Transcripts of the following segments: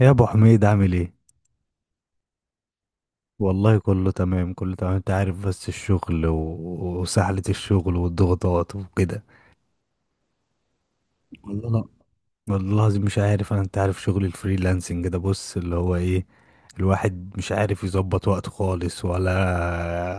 يا ابو حميد، عامل ايه؟ والله كله تمام كله تمام، انت عارف. بس الشغل وسحلة الشغل والضغوطات وكده. والله لا. والله العظيم مش عارف. انا انت عارف شغل الفريلانسنج ده، بص اللي هو ايه. الواحد مش عارف يظبط وقته خالص، ولا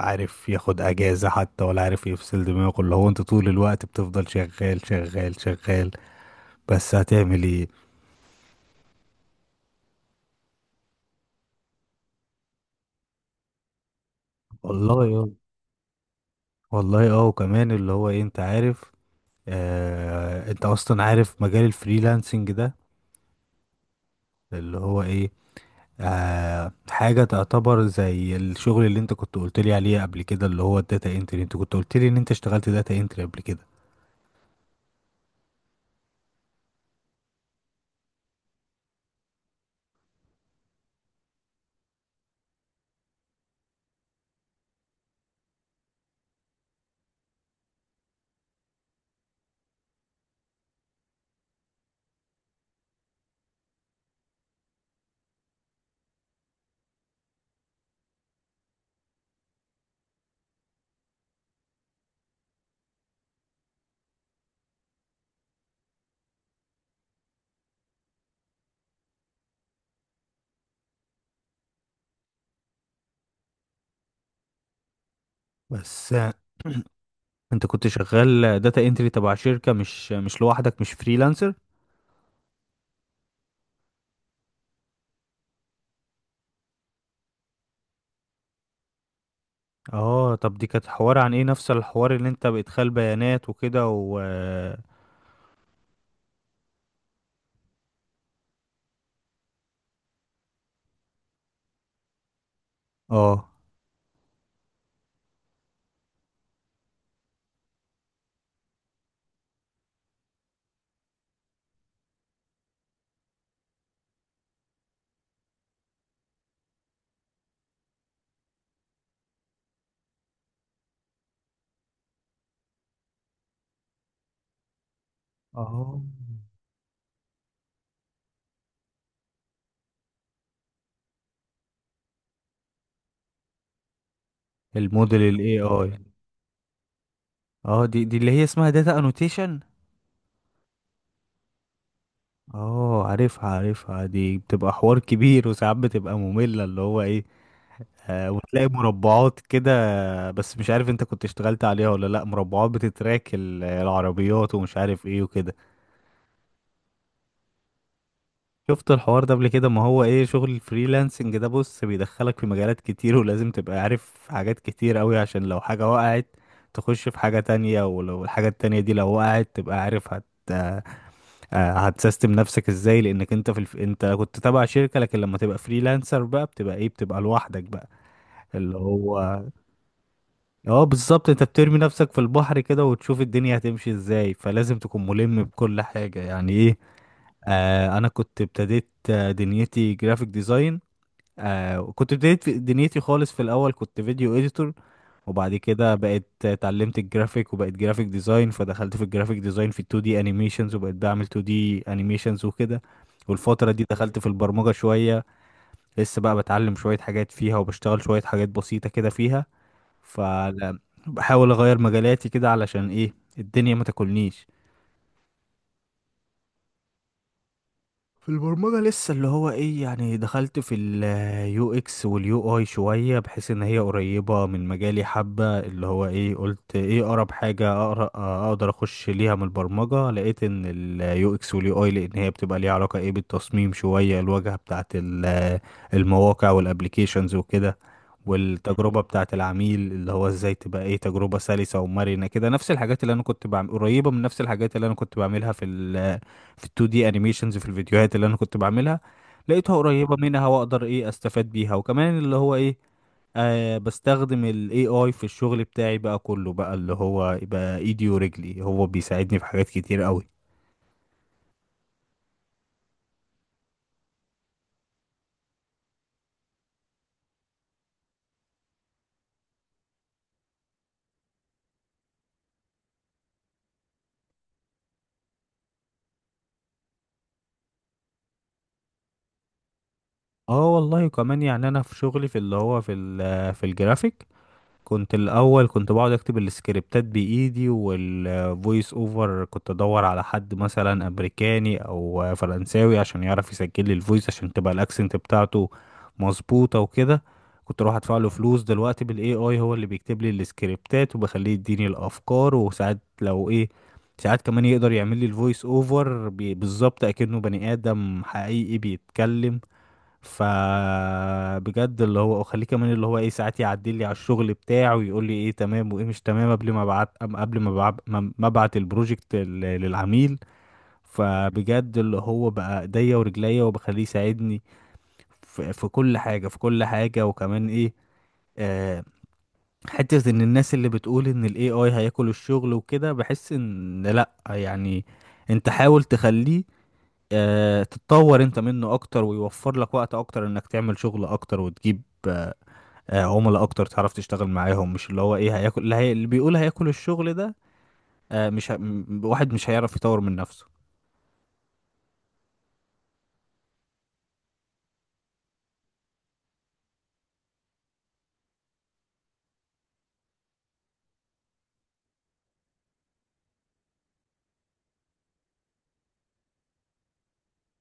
عارف ياخد اجازة حتى، ولا عارف يفصل دماغه. اللي هو انت طول الوقت بتفضل شغال شغال شغال، بس هتعمل ايه؟ والله والله، اه، وكمان اللي هو ايه، انت عارف. انت اصلا عارف مجال الفريلانسنج ده. اللي هو ايه؟ حاجة تعتبر زي الشغل اللي انت كنت قلت لي عليه قبل كده، اللي هو الداتا انتري. انت كنت قلت لي ان انت اشتغلت داتا انتري قبل كده. بس انت كنت شغال داتا انتري تبع شركة، مش لوحدك، مش فريلانسر. اه، طب دي كانت حوار عن ايه؟ نفس الحوار اللي انت بادخال بيانات وكده و... اه، اه، الموديل الاي اي. اه، دي اللي هي اسمها داتا انوتيشن. اه، عارفها عارفها، دي بتبقى حوار كبير وساعات بتبقى مملة، اللي هو ايه. وتلاقي مربعات كده. بس مش عارف انت كنت اشتغلت عليها ولا لا. مربعات بتتراك العربيات ومش عارف ايه وكده. شفت الحوار ده قبل كده. ما هو ايه شغل الفريلانسنج ده؟ بص بيدخلك في مجالات كتير، ولازم تبقى عارف حاجات كتير قوي، عشان لو حاجة وقعت تخش في حاجة تانية. ولو الحاجة التانية دي لو وقعت تبقى عارف هت آه، هتسيستم نفسك ازاي، لانك انت انت كنت تبع شركة. لكن لما تبقى فريلانسر بقى، بتبقى ايه؟ بتبقى لوحدك بقى، اللي هو... اه، بالظبط. انت بترمي نفسك في البحر كده وتشوف الدنيا هتمشي ازاي. فلازم تكون ملم بكل حاجة، يعني ايه. انا كنت ابتديت دنيتي جرافيك ديزاين. كنت بديت دنيتي خالص، في الاول كنت فيديو اديتور. وبعد كده بقيت اتعلمت الجرافيك وبقيت جرافيك ديزاين، فدخلت في الجرافيك ديزاين في 2 دي انيميشنز، وبقيت بعمل 2 دي انيميشنز وكده. والفترة دي دخلت في البرمجة شوية. لسه بقى بتعلم شوية حاجات فيها، وبشتغل شوية حاجات بسيطة كده فيها. فبحاول اغير مجالاتي كده، علشان ايه الدنيا ما تاكلنيش. في البرمجة لسه اللي هو ايه، يعني دخلت في اليو اكس واليو اي شوية، بحيث ان هي قريبة من مجالي حبة. اللي هو ايه، قلت ايه اقرب حاجة اقرا اقدر اخش ليها من البرمجة، لقيت ان اليو اكس واليو اي، لان هي بتبقى ليها علاقة ايه بالتصميم شوية، الواجهة بتاعت المواقع والابليكيشنز وكده. والتجربة بتاعة العميل، اللي هو ازاي تبقى ايه، تجربة سلسة ومرنة كده، نفس الحاجات اللي انا كنت بعمل قريبة من نفس الحاجات اللي انا كنت بعملها في ال 2D انيميشنز، في الفيديوهات اللي انا كنت بعملها. لقيتها قريبة منها واقدر ايه استفاد بيها. وكمان اللي هو ايه، بستخدم ال AI في الشغل بتاعي بقى كله، بقى اللي هو يبقى ايدي ورجلي، هو بيساعدني في حاجات كتير قوي. اه والله، كمان يعني انا في شغلي، في اللي هو في الجرافيك، كنت الاول، كنت بقعد اكتب السكريبتات بايدي، والفويس اوفر كنت ادور على حد مثلا امريكاني او فرنساوي عشان يعرف يسجل لي الفويس، عشان تبقى الاكسنت بتاعته مظبوطه وكده. كنت اروح ادفع له فلوس. دلوقتي بالاي اي، هو اللي بيكتب لي السكريبتات، وبخليه يديني الافكار، وساعات لو ايه، ساعات كمان يقدر يعمل لي الفويس اوفر بالظبط اكنه بني ادم حقيقي بيتكلم. فبجد اللي هو اخليه، كمان اللي هو ايه، ساعات يعدي لي على الشغل بتاعه ويقول لي ايه تمام وايه مش تمام، قبل ما ابعت قبل ما ابعت البروجكت للعميل. فبجد اللي هو بقى ايديا ورجليا، وبخليه يساعدني في كل حاجة، في كل حاجة. وكمان ايه، آه حتة ان الناس اللي بتقول ان الاي اي هياكل الشغل وكده، بحس ان لا يعني. انت حاول تخليه تتطور انت منه اكتر، ويوفر لك وقت اكتر انك تعمل شغل اكتر، وتجيب آه، عملاء اكتر تعرف تشتغل معاهم. مش اللي هو ايه هياكل. اللي بيقول هياكل الشغل ده، مش واحد مش هيعرف يطور من نفسه.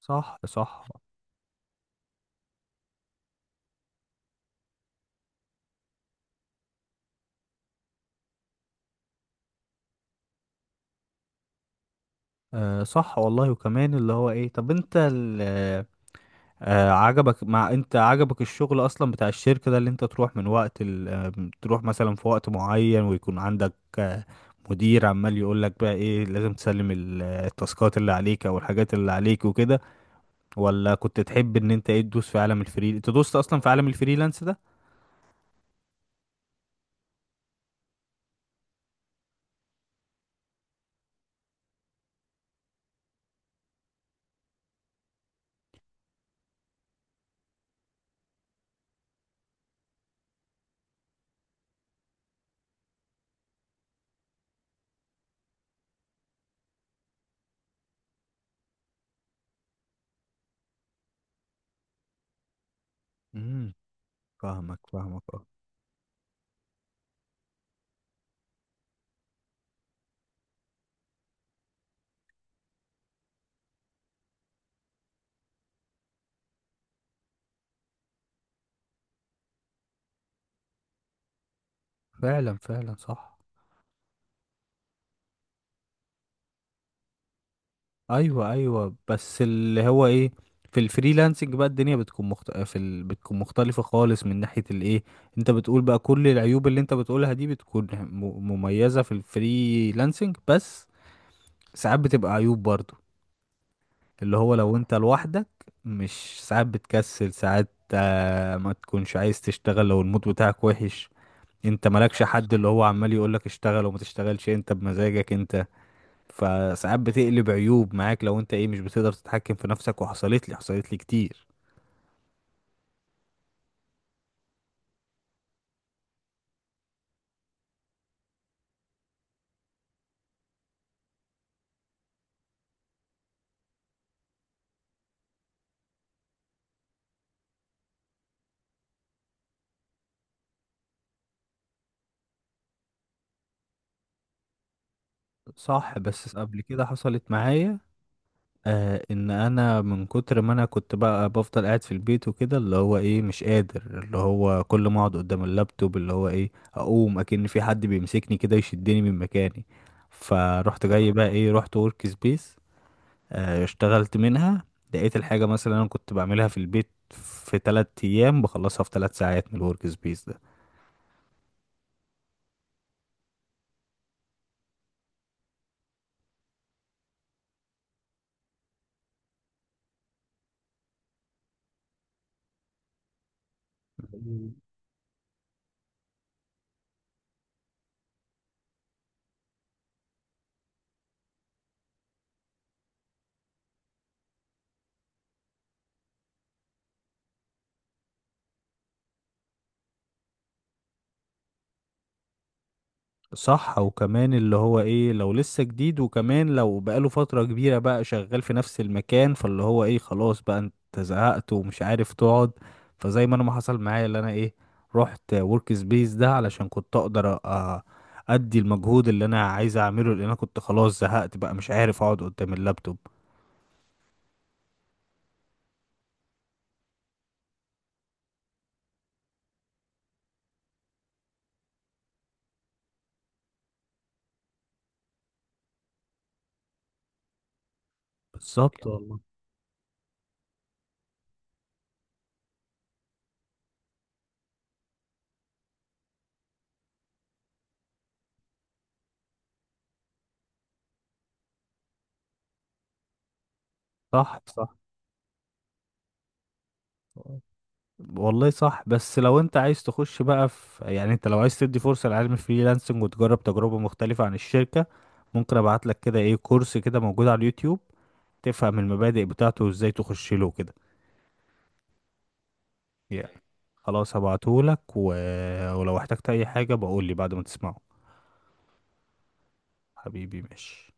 صح صح. صح والله. وكمان اللي هو ايه، طب انت ال... آه، عجبك مع انت عجبك الشغل اصلا بتاع الشركة ده، اللي انت تروح من وقت ال... آه، تروح مثلا في وقت معين، ويكون عندك مدير عمال يقول لك بقى ايه، لازم تسلم التاسكات اللي عليك او الحاجات اللي عليك وكده، ولا كنت تحب ان انت ايه، تدوس في عالم انت دوست اصلا في عالم الفريلانس ده؟ امم فاهمك فاهمك، اه. فعلا فعلا، صح. ايوه ايوه، بس اللي هو ايه. في الفريلانسنج بقى الدنيا بتكون بتكون مختلفة خالص من ناحية الايه. انت بتقول بقى، كل العيوب اللي انت بتقولها دي بتكون مميزة في الفريلانسنج. بس ساعات بتبقى عيوب برضو، اللي هو لو انت لوحدك، مش ساعات بتكسل ساعات، ما تكونش عايز تشتغل لو المود بتاعك وحش. انت مالكش حد اللي هو عمال يقولك اشتغل وما تشتغلش، انت بمزاجك انت. فساعات بتقلب عيوب معاك، لو انت ايه، مش بتقدر تتحكم في نفسك. وحصلت لي كتير. صح. بس قبل كده حصلت معايا ان انا من كتر ما انا كنت بقى بفضل قاعد في البيت وكده، اللي هو ايه، مش قادر، اللي هو كل ما اقعد قدام اللابتوب اللي هو ايه، اقوم اكن في حد بيمسكني كده يشدني من مكاني. فروحت جاي بقى ايه، رحت ورك سبيس. اشتغلت منها. لقيت الحاجة، مثلا انا كنت بعملها في البيت في 3 ايام، بخلصها في 3 ساعات من الورك سبيس ده. صح. وكمان اللي هو ايه، لو لسه جديد، وكمان لو بقاله فترة كبيرة بقى شغال في نفس المكان، فاللي هو ايه خلاص بقى، انت زهقت ومش عارف تقعد. فزي ما انا، ما حصل معايا اللي انا ايه، رحت ورك سبيس ده علشان كنت اقدر ادي المجهود اللي انا عايز اعمله، لان انا كنت خلاص زهقت بقى، مش عارف اقعد قدام اللابتوب. بالظبط والله. صح صح. والله صح. بس لو انت عايز تخش بقى في، يعني انت لو عايز تدي فرصة لعلم الفريلانسنج وتجرب تجربة مختلفة عن الشركة، ممكن ابعت لك كده ايه كورس كده موجود على اليوتيوب، تفهم المبادئ بتاعته وازاي تخش له كده. يعني، خلاص هبعته لك ولو احتجت اي حاجة بقول لي بعد ما تسمعه. حبيبي، ماشي.